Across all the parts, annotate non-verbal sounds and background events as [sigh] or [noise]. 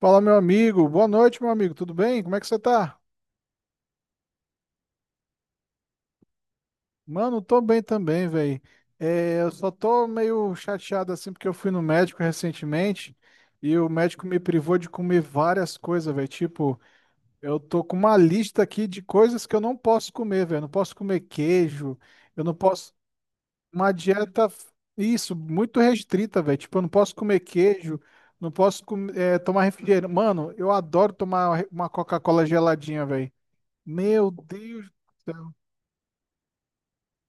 Fala, meu amigo. Boa noite, meu amigo. Tudo bem? Como é que você tá? Mano, tô bem também, velho. Eu só tô meio chateado assim porque eu fui no médico recentemente e o médico me privou de comer várias coisas, velho. Tipo, eu tô com uma lista aqui de coisas que eu não posso comer, velho. Não posso comer queijo, eu não posso. Uma dieta, isso, muito restrita, velho. Tipo, eu não posso comer queijo, não posso tomar refrigerante. Mano, eu adoro tomar uma Coca-Cola geladinha, velho. Meu Deus do céu.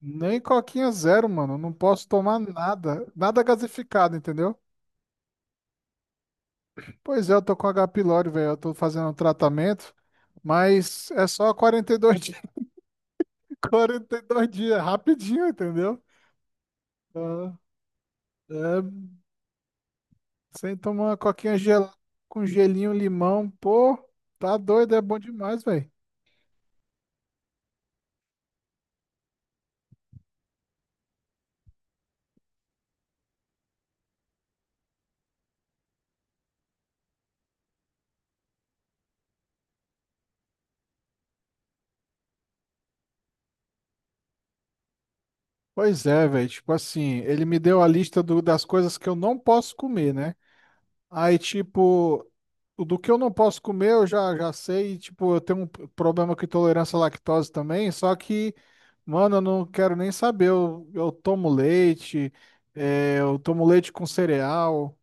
Nem coquinha zero, mano. Não posso tomar nada. Nada gasificado, entendeu? Pois é, eu tô com H. pylori, velho. Eu tô fazendo um tratamento. Mas é só 42 dias. [laughs] Quarenta e dois dias. Rapidinho, entendeu? Ah, é. Sem tomar uma coquinha gelada com gelinho, limão. Pô, tá doido. É bom demais, velho. Pois é, velho. Tipo assim, ele me deu a lista das coisas que eu não posso comer, né? Aí, tipo, o do que eu não posso comer, eu já sei. E tipo, eu tenho um problema com intolerância à lactose também. Só que, mano, eu não quero nem saber. Eu tomo leite, eu tomo leite com cereal.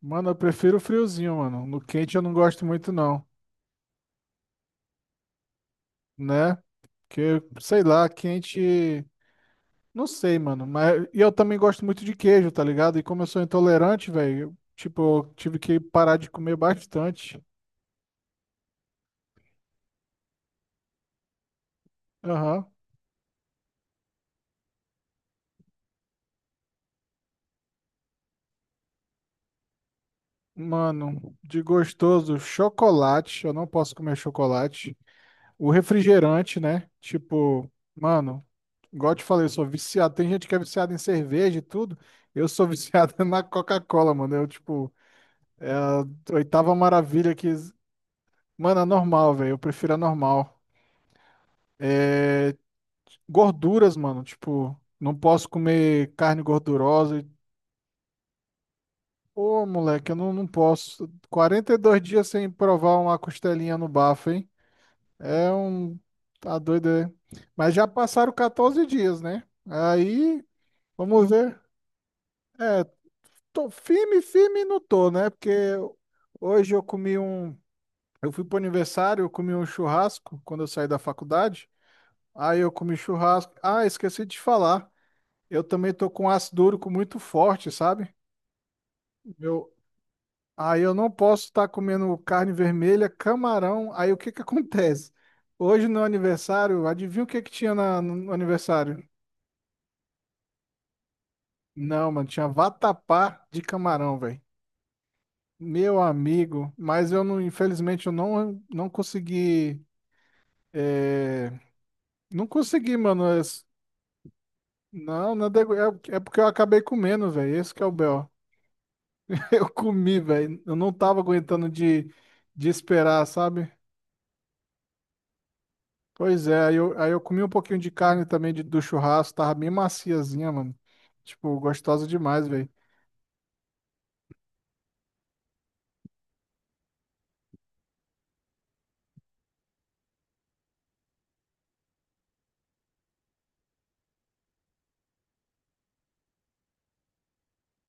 Mano, eu prefiro o friozinho, mano. No quente eu não gosto muito, não, né? Porque, sei lá, quente. Não sei, mano. Mas e eu também gosto muito de queijo, tá ligado? E como eu sou intolerante, velho, eu, tipo, eu tive que parar de comer bastante. Aham. Mano, de gostoso, chocolate. Eu não posso comer chocolate. O refrigerante, né? Tipo, mano, igual eu te falei, eu sou viciado. Tem gente que é viciada em cerveja e tudo. Eu sou [laughs] viciado na Coca-Cola, mano. Eu, tipo, é a oitava maravilha que. Mano, é normal, velho. Eu prefiro a normal. É... Gorduras, mano. Tipo, não posso comer carne gordurosa. Pô, moleque, eu não, não posso. Quarenta e dois dias sem provar uma costelinha no bafo, hein? É um. Tá doido, é. Mas já passaram 14 dias, né? Aí, vamos ver. É, tô firme, firme não tô, né? Porque hoje eu comi um. Eu fui pro aniversário, eu comi um churrasco quando eu saí da faculdade. Aí eu comi churrasco. Ah, esqueci de falar. Eu também tô com ácido úrico muito forte, sabe? Eu... Aí eu não posso estar comendo carne vermelha, camarão. Aí o que que [laughs] acontece? Hoje no aniversário, adivinha o que que tinha no aniversário? Não, mano, tinha vatapá de camarão, velho. Meu amigo, mas eu não, infelizmente, eu não, não consegui. é, não consegui, mano. Não, não é, é porque eu acabei comendo, velho. Esse que é o B.O. [laughs] Eu comi, velho. Eu não tava aguentando de esperar, sabe? Pois é, aí eu comi um pouquinho de carne também do churrasco, tava bem maciazinha, mano. Tipo, gostosa demais, velho.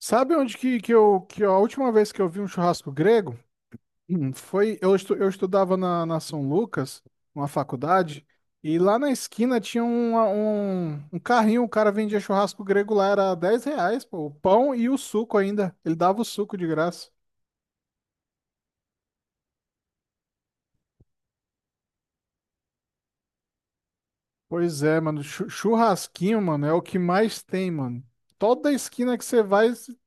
Sabe onde que a última vez que eu vi um churrasco grego? Foi, eu estudava na São Lucas, uma faculdade, e lá na esquina tinha um carrinho, o cara vendia churrasco grego lá, era R$ 10, pô, o pão e o suco ainda. Ele dava o suco de graça. Pois é, mano, churrasquinho, mano, é o que mais tem, mano. Toda esquina que você vai,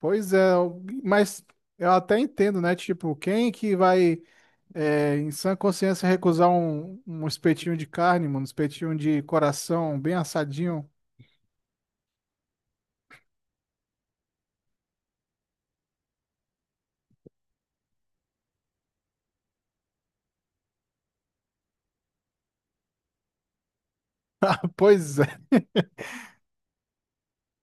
pois é, mas eu até entendo, né? Tipo, quem que vai, em sã consciência, recusar um espetinho de carne, mano, um espetinho de coração, bem assadinho? Pois é, [laughs]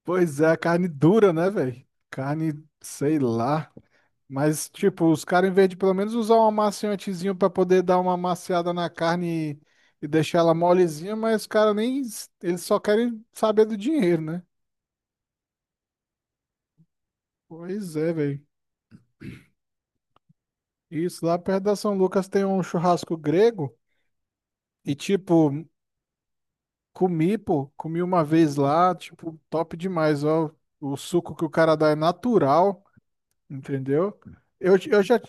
pois é, a carne dura, né, velho? Carne, sei lá. Mas, tipo, os caras, em vez de pelo menos usar um amaciantezinho pra poder dar uma amaciada na carne e deixar ela molezinha, mas os caras nem. Eles só querem saber do dinheiro, né? Pois é, velho. Isso, lá perto da São Lucas tem um churrasco grego e, tipo, comi, pô, comi uma vez lá, tipo, top demais, ó. O suco que o cara dá é natural, entendeu? Eu já.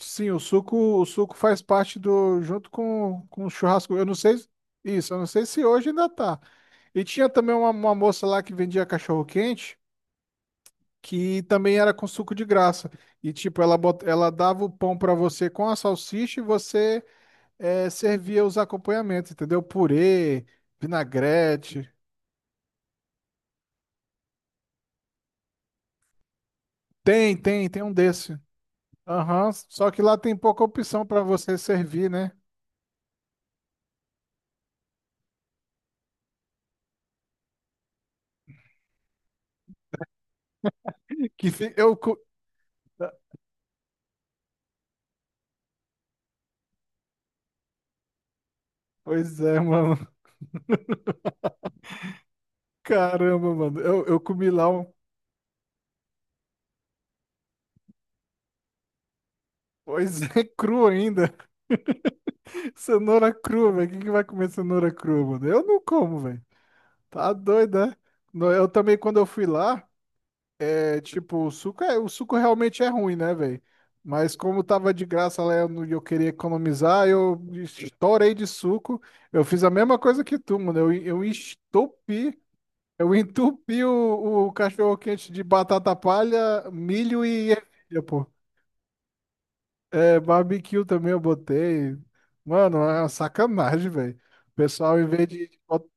Sim, o suco faz parte do, junto com o churrasco. Eu não sei, isso, eu não sei se hoje ainda tá. E tinha também uma moça lá que vendia cachorro-quente, que também era com suco de graça. E tipo, ela, bot, ela dava o pão pra você com a salsicha e você servia os acompanhamentos, entendeu? Purê, vinagrete. Tem, tem, tem um desse. Aham, só que lá tem pouca opção pra você servir, né? Que fi- eu, cu- Pois é, mano. Caramba, mano. Eu comi lá um. Pois é, [laughs] cru ainda. Cenoura crua, velho. Quem que vai comer cenoura crua, mano? Eu não como, velho. Tá doido, né? Eu também, quando eu fui lá, é tipo, o suco, é, o suco realmente é ruim, né, velho? Mas como tava de graça lá e eu, eu queria economizar, eu estourei de suco. Eu fiz a mesma coisa que tu, mano. Eu entupi o cachorro-quente de batata palha, milho e ervilha, pô. É, barbecue também eu botei. Mano, é uma sacanagem, velho. O pessoal, em vez de.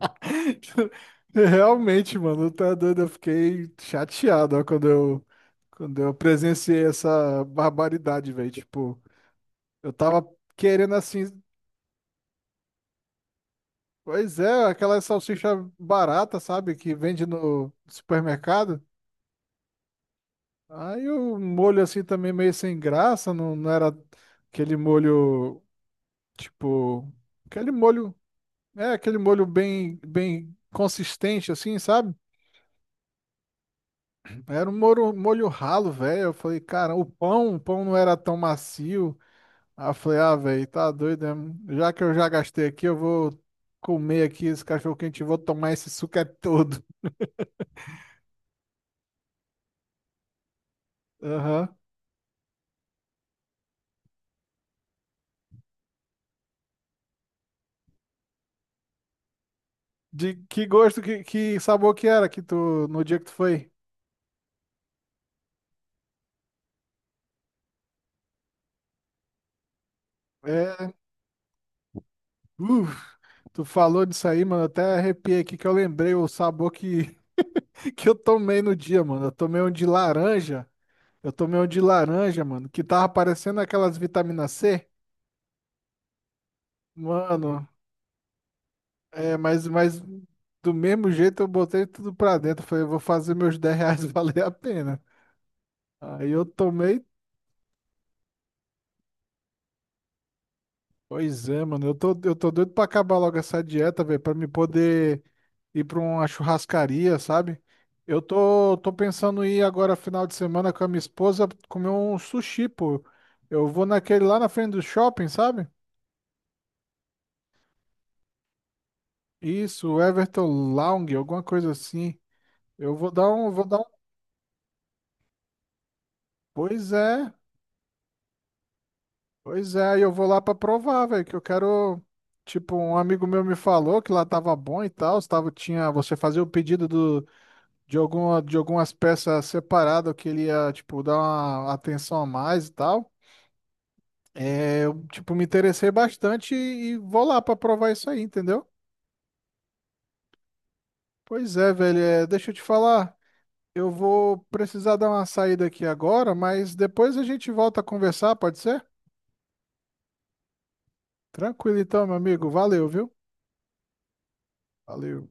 [laughs] Realmente, mano, tá doido. Eu fiquei chateado, ó, quando eu presenciei essa barbaridade, velho. Tipo, eu tava querendo assim. Pois é, aquela salsicha barata, sabe? Que vende no supermercado. Aí o molho assim também meio sem graça, não, não era aquele molho, tipo. Aquele molho. É aquele molho bem, bem consistente, assim, sabe? Era um molho, molho ralo, velho. Eu falei, cara, o pão não era tão macio. Aí eu falei, ah, velho, tá doido, né? Já que eu já gastei aqui, eu vou comer aqui esse cachorro quente e vou tomar esse suco é todo. Aham. De que gosto, que sabor que era que tu, no dia que tu foi? É, uf, tu falou disso aí, mano. Até arrepiei aqui que eu lembrei o sabor que, [laughs] que eu tomei no dia, mano. Eu tomei um de laranja. Eu tomei um de laranja, mano, que tava parecendo aquelas vitamina C. Mano, é, mas do mesmo jeito eu botei tudo pra dentro. Falei, eu vou fazer meus R$ 10 [laughs] valer a pena. Aí eu tomei. Pois é, mano, eu tô doido pra acabar logo essa dieta, velho, pra me poder ir pra uma churrascaria, sabe? Eu tô pensando em ir agora final de semana com a minha esposa comer um sushi, pô. Eu vou naquele lá na frente do shopping, sabe? Isso, Everton Lounge, alguma coisa assim. Eu vou dar um, vou dar um. Pois é, pois é, e eu vou lá pra provar, velho, que eu quero. Tipo, um amigo meu me falou que lá tava bom e tal, tava, tinha, você fazia o pedido do, de alguma, de algumas peças separadas que ele ia, tipo, dar uma atenção a mais e tal. É, eu, tipo, me interessei bastante e vou lá pra provar isso aí, entendeu? Pois é, velho, é, deixa eu te falar, eu vou precisar dar uma saída aqui agora, mas depois a gente volta a conversar, pode ser? Tranquilo então, meu amigo, valeu, viu? Valeu.